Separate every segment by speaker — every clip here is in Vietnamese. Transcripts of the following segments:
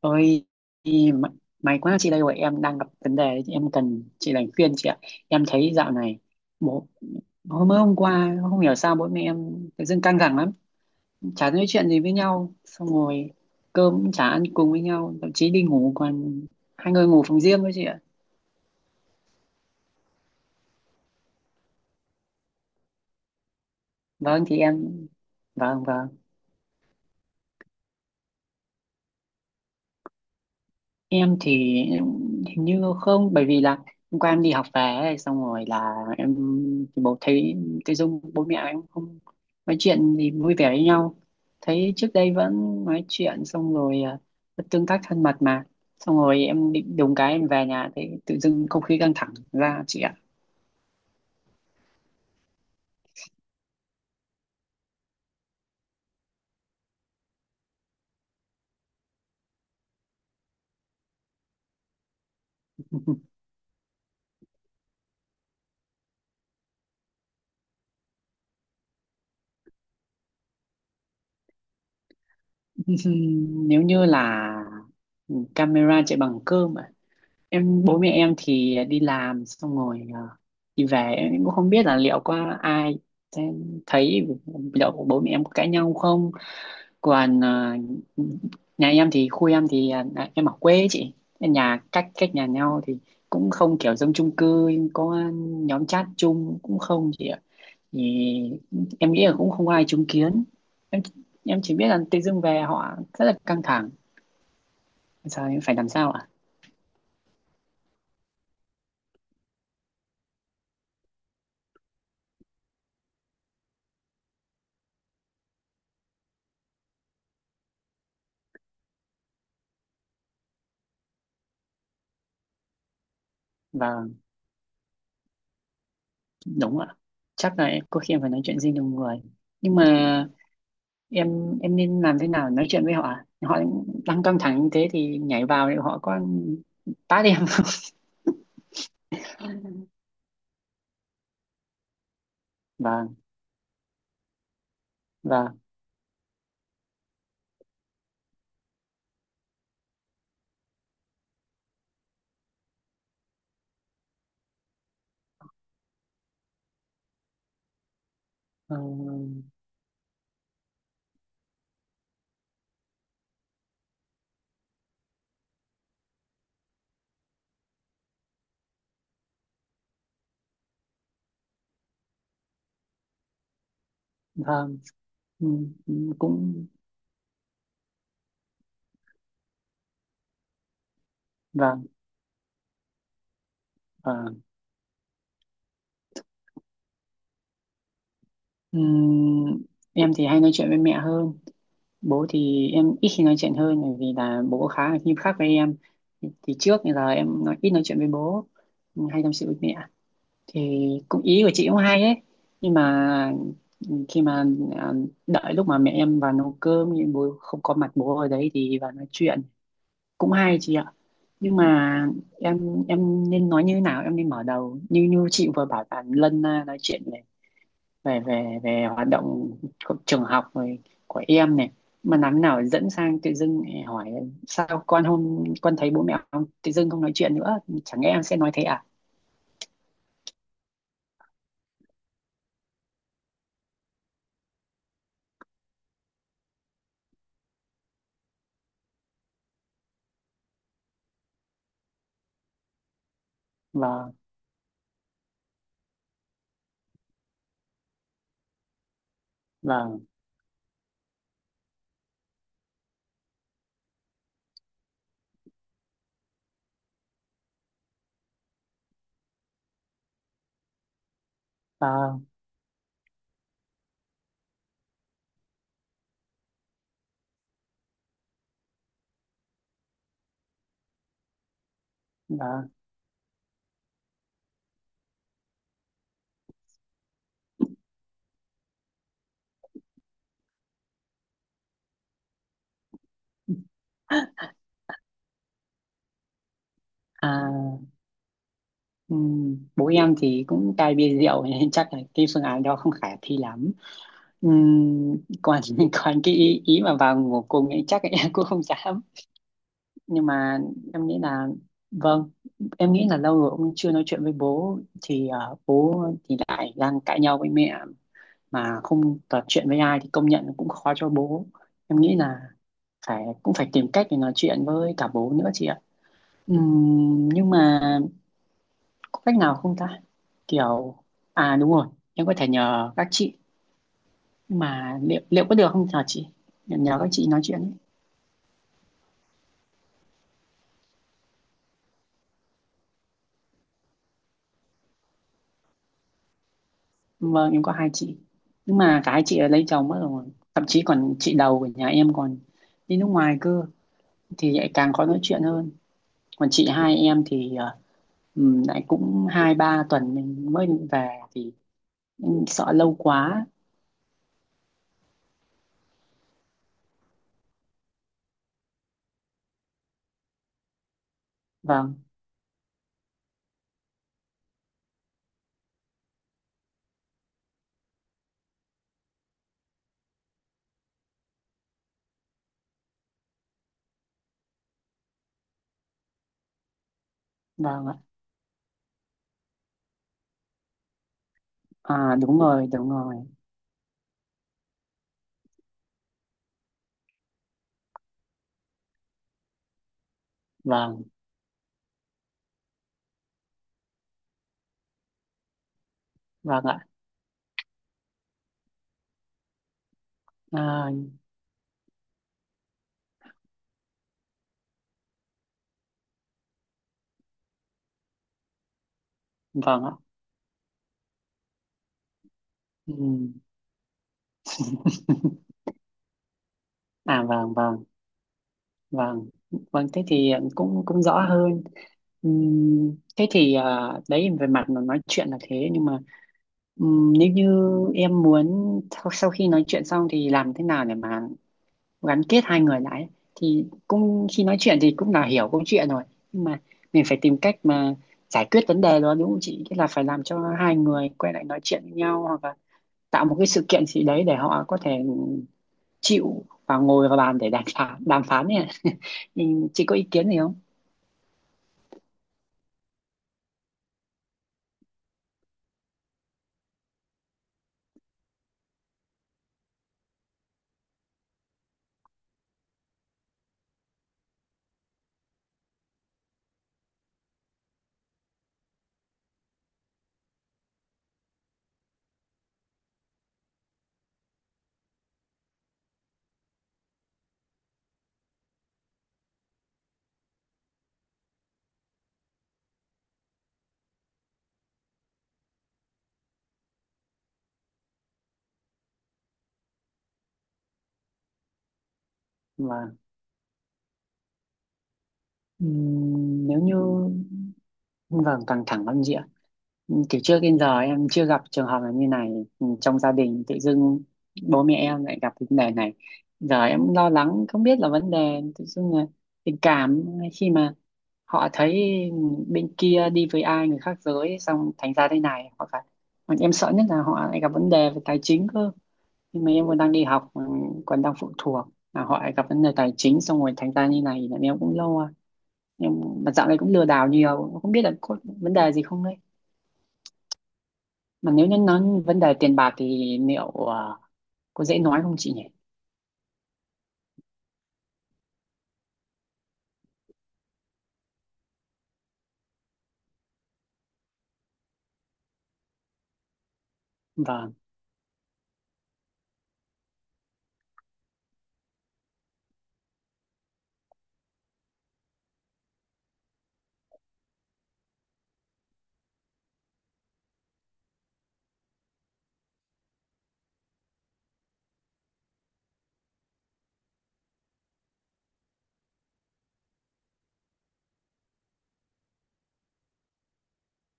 Speaker 1: Ôi, y- may may quá chị đây rồi, em đang gặp vấn đề, em cần chị đánh khuyên chị ạ. Em thấy dạo này bố hôm mới hôm qua không hiểu sao bố mẹ em tự dưng căng thẳng lắm, chả nói chuyện gì với nhau, xong rồi cơm cũng chả ăn cùng với nhau, thậm chí đi ngủ còn hai người ngủ phòng riêng với chị ạ. Vâng thì em vâng vâng. Em thì hình như không, bởi vì là hôm qua em đi học về ấy, xong rồi là em thì bố thấy tự dưng bố mẹ em không nói chuyện gì vui vẻ với nhau, thấy trước đây vẫn nói chuyện xong rồi vẫn tương tác thân mật mà, xong rồi em định đùng cái em về nhà thấy tự dưng không khí căng thẳng ra chị ạ. Nếu như là ừ, camera chạy bằng cơm à? Em bố mẹ em thì đi làm xong rồi đi về em cũng không biết là liệu có ai sẽ thấy liệu bố mẹ em có cãi nhau không. Còn nhà em thì khu em thì em ở quê ấy chị. Nhà cách cách nhà nhau thì cũng không kiểu giống chung cư, có nhóm chat chung cũng không chị ạ. Thì em nghĩ là cũng không ai chứng kiến. Em chỉ biết là tự dưng về họ rất là căng thẳng, giờ em phải làm sao ạ? Và đúng ạ, chắc là có khi em phải nói chuyện riêng nhiều người, nhưng mà em nên làm thế nào để nói chuyện với họ ạ? Họ đang căng thẳng như thế thì nhảy vào thì họ có tát em không? Vâng. Vâng. Ờ, vâng. Ừ, ừ, cũng vâng. Vâng. Ừm, em thì hay nói chuyện với mẹ hơn, bố thì em ít khi nói chuyện hơn, bởi vì là bố khá là nghiêm khắc với em, thì trước thì là em nói ít nói chuyện với bố, hay tâm sự với mẹ. Thì cũng ý của chị cũng hay ấy, nhưng mà khi mà à, đợi lúc mà mẹ em vào nấu cơm nhưng bố không có mặt bố ở đấy thì vào nói chuyện cũng hay chị ạ. Nhưng mà em nên nói như thế nào, em nên mở đầu như như chị vừa bảo là nói chuyện về về về hoạt động của trường học rồi của em này, mà làm thế nào dẫn sang tự dưng lại hỏi sao con thấy bố mẹ không tự dưng không nói chuyện nữa? Chẳng lẽ em sẽ nói thế à? Vâng. Vâng. Vâng. Vâng. À, bố em thì cũng cai bia rượu nên chắc là cái phương án đó không khả thi lắm. Ừm, còn còn cái ý mà vào ngủ cùng ấy chắc là em cũng không dám. Nhưng mà em nghĩ là, vâng, em nghĩ là lâu rồi ông chưa nói chuyện với bố thì bố thì lại đang cãi nhau với mẹ mà không trò chuyện với ai thì công nhận cũng khó cho bố. Em nghĩ là cũng phải tìm cách để nói chuyện với cả bố nữa chị ạ. Nhưng mà có cách nào không ta, kiểu đúng rồi, em có thể nhờ các chị, nhưng mà liệu liệu có được không nhờ chị? Em nhờ các chị nói chuyện. Vâng, em có hai chị. Nhưng mà cái chị ấy lấy chồng mất rồi. Thậm chí còn chị đầu của nhà em còn đi nước ngoài cơ. Thì lại càng khó nói chuyện hơn. Còn chị hai em thì lại cũng hai ba tuần mình mới định về. Thì em sợ lâu quá. Vâng. Vâng ạ. À, đúng rồi, đúng rồi. Vâng, vâng ạ. À, vâng ạ. Ừm. À vâng, vâng, vâng. Vâng, thế thì cũng cũng rõ hơn. Thế thì đấy về mặt mà nói chuyện là thế, nhưng mà ừm, nếu như em muốn sau khi nói chuyện xong thì làm thế nào để mà gắn kết hai người lại ấy? Thì cũng khi nói chuyện thì cũng là hiểu câu chuyện rồi, nhưng mà mình phải tìm cách mà giải quyết vấn đề đó đúng không chị? Tức là phải làm cho hai người quay lại nói chuyện với nhau, hoặc là tạo một cái sự kiện gì đấy để họ có thể chịu và ngồi vào bàn để đàm phán nhỉ. Chị có ý kiến gì không? Vâng. Nếu như vâng, căng thẳng lắm. Ừ, từ trước đến giờ em chưa gặp trường hợp là như này. Ừ, trong gia đình tự dưng bố mẹ em lại gặp cái vấn đề này, giờ em lo lắng không biết là vấn đề tự dưng là tình cảm, khi mà họ thấy bên kia đi với ai người khác giới xong thành ra thế này, hoặc là còn em sợ nhất là họ lại gặp vấn đề về tài chính cơ, nhưng mà em còn đang đi học, ừ, còn đang phụ thuộc, là họ lại gặp vấn đề tài chính xong rồi thành ra như này là em cũng lo. Em mà dạo này cũng lừa đảo nhiều, không biết là có vấn đề gì không, mà nếu như nói vấn đề tiền bạc thì liệu có dễ nói không chị nhỉ? Vâng.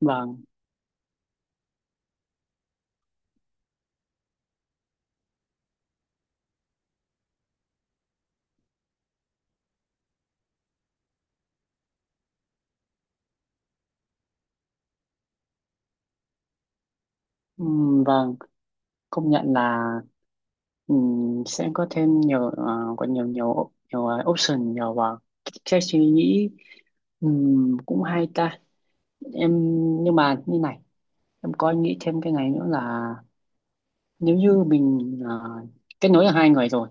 Speaker 1: Vâng. Vâng, công nhận là sẽ có thêm nhiều có nhiều nhiều nhiều option, nhiều cái suy nghĩ. Cũng hay ta. Em, nhưng mà như này, em có nghĩ thêm cái này nữa là nếu như mình kết nối được hai người rồi,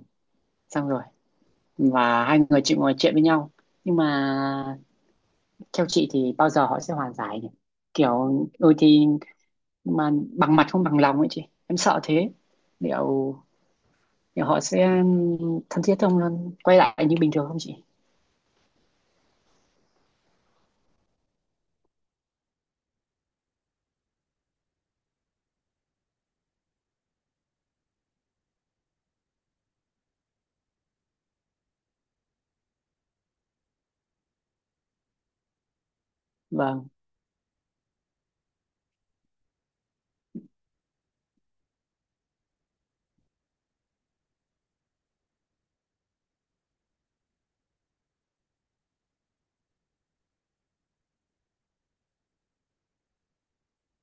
Speaker 1: xong rồi và hai người chị ngồi chuyện với nhau, nhưng mà theo chị thì bao giờ họ sẽ hòa giải nhỉ? Kiểu đôi khi mà bằng mặt không bằng lòng ấy chị, em sợ thế. liệu, liệu họ sẽ thân thiết không, quay lại như bình thường không chị? Vâng,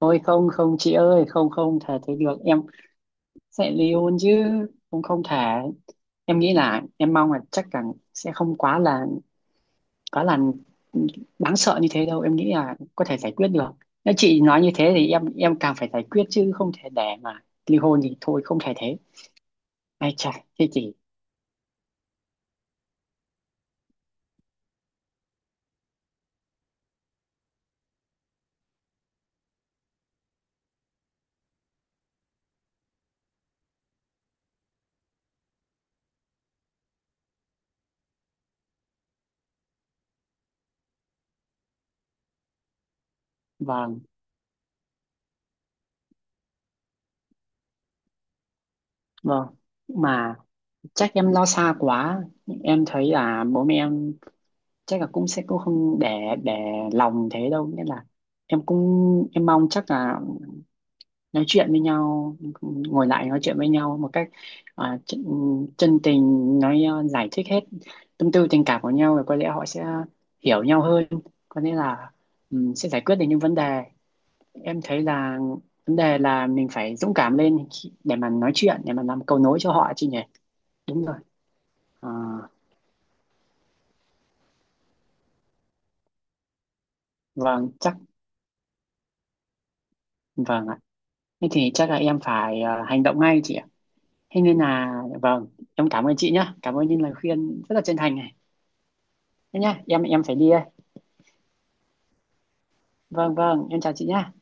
Speaker 1: thôi không, không chị ơi, không, không thể thế được. Em sẽ ly hôn chứ? Không, không thể. Em nghĩ là, em mong là chắc là sẽ không quá là đáng sợ như thế đâu. Em nghĩ là có thể giải quyết được. Nếu chị nói như thế thì em càng phải giải quyết, chứ không thể để mà ly hôn thì thôi, không thể thế. Ai chà, thế chị. Vâng. Vâng, mà chắc em lo xa quá. Em thấy là bố mẹ em chắc là cũng sẽ cũng không để lòng thế đâu, nên là em cũng em mong chắc là nói chuyện với nhau, ngồi lại nói chuyện với nhau một cách à, chân, chân tình, giải thích hết tâm tư tình cảm của nhau rồi có lẽ họ sẽ hiểu nhau hơn, có lẽ là sẽ giải quyết được những vấn đề. Em thấy là vấn đề là mình phải dũng cảm lên để mà nói chuyện, để mà làm cầu nối cho họ chứ nhỉ? Đúng rồi. À, vâng chắc, vâng ạ, thế thì chắc là em phải hành động ngay chị ạ. Thế nên là vâng, em cảm ơn chị nhé, cảm ơn những lời khuyên rất là chân thành này. Thế nhá, em phải đi. Vâng, vâng, em chào chị nha.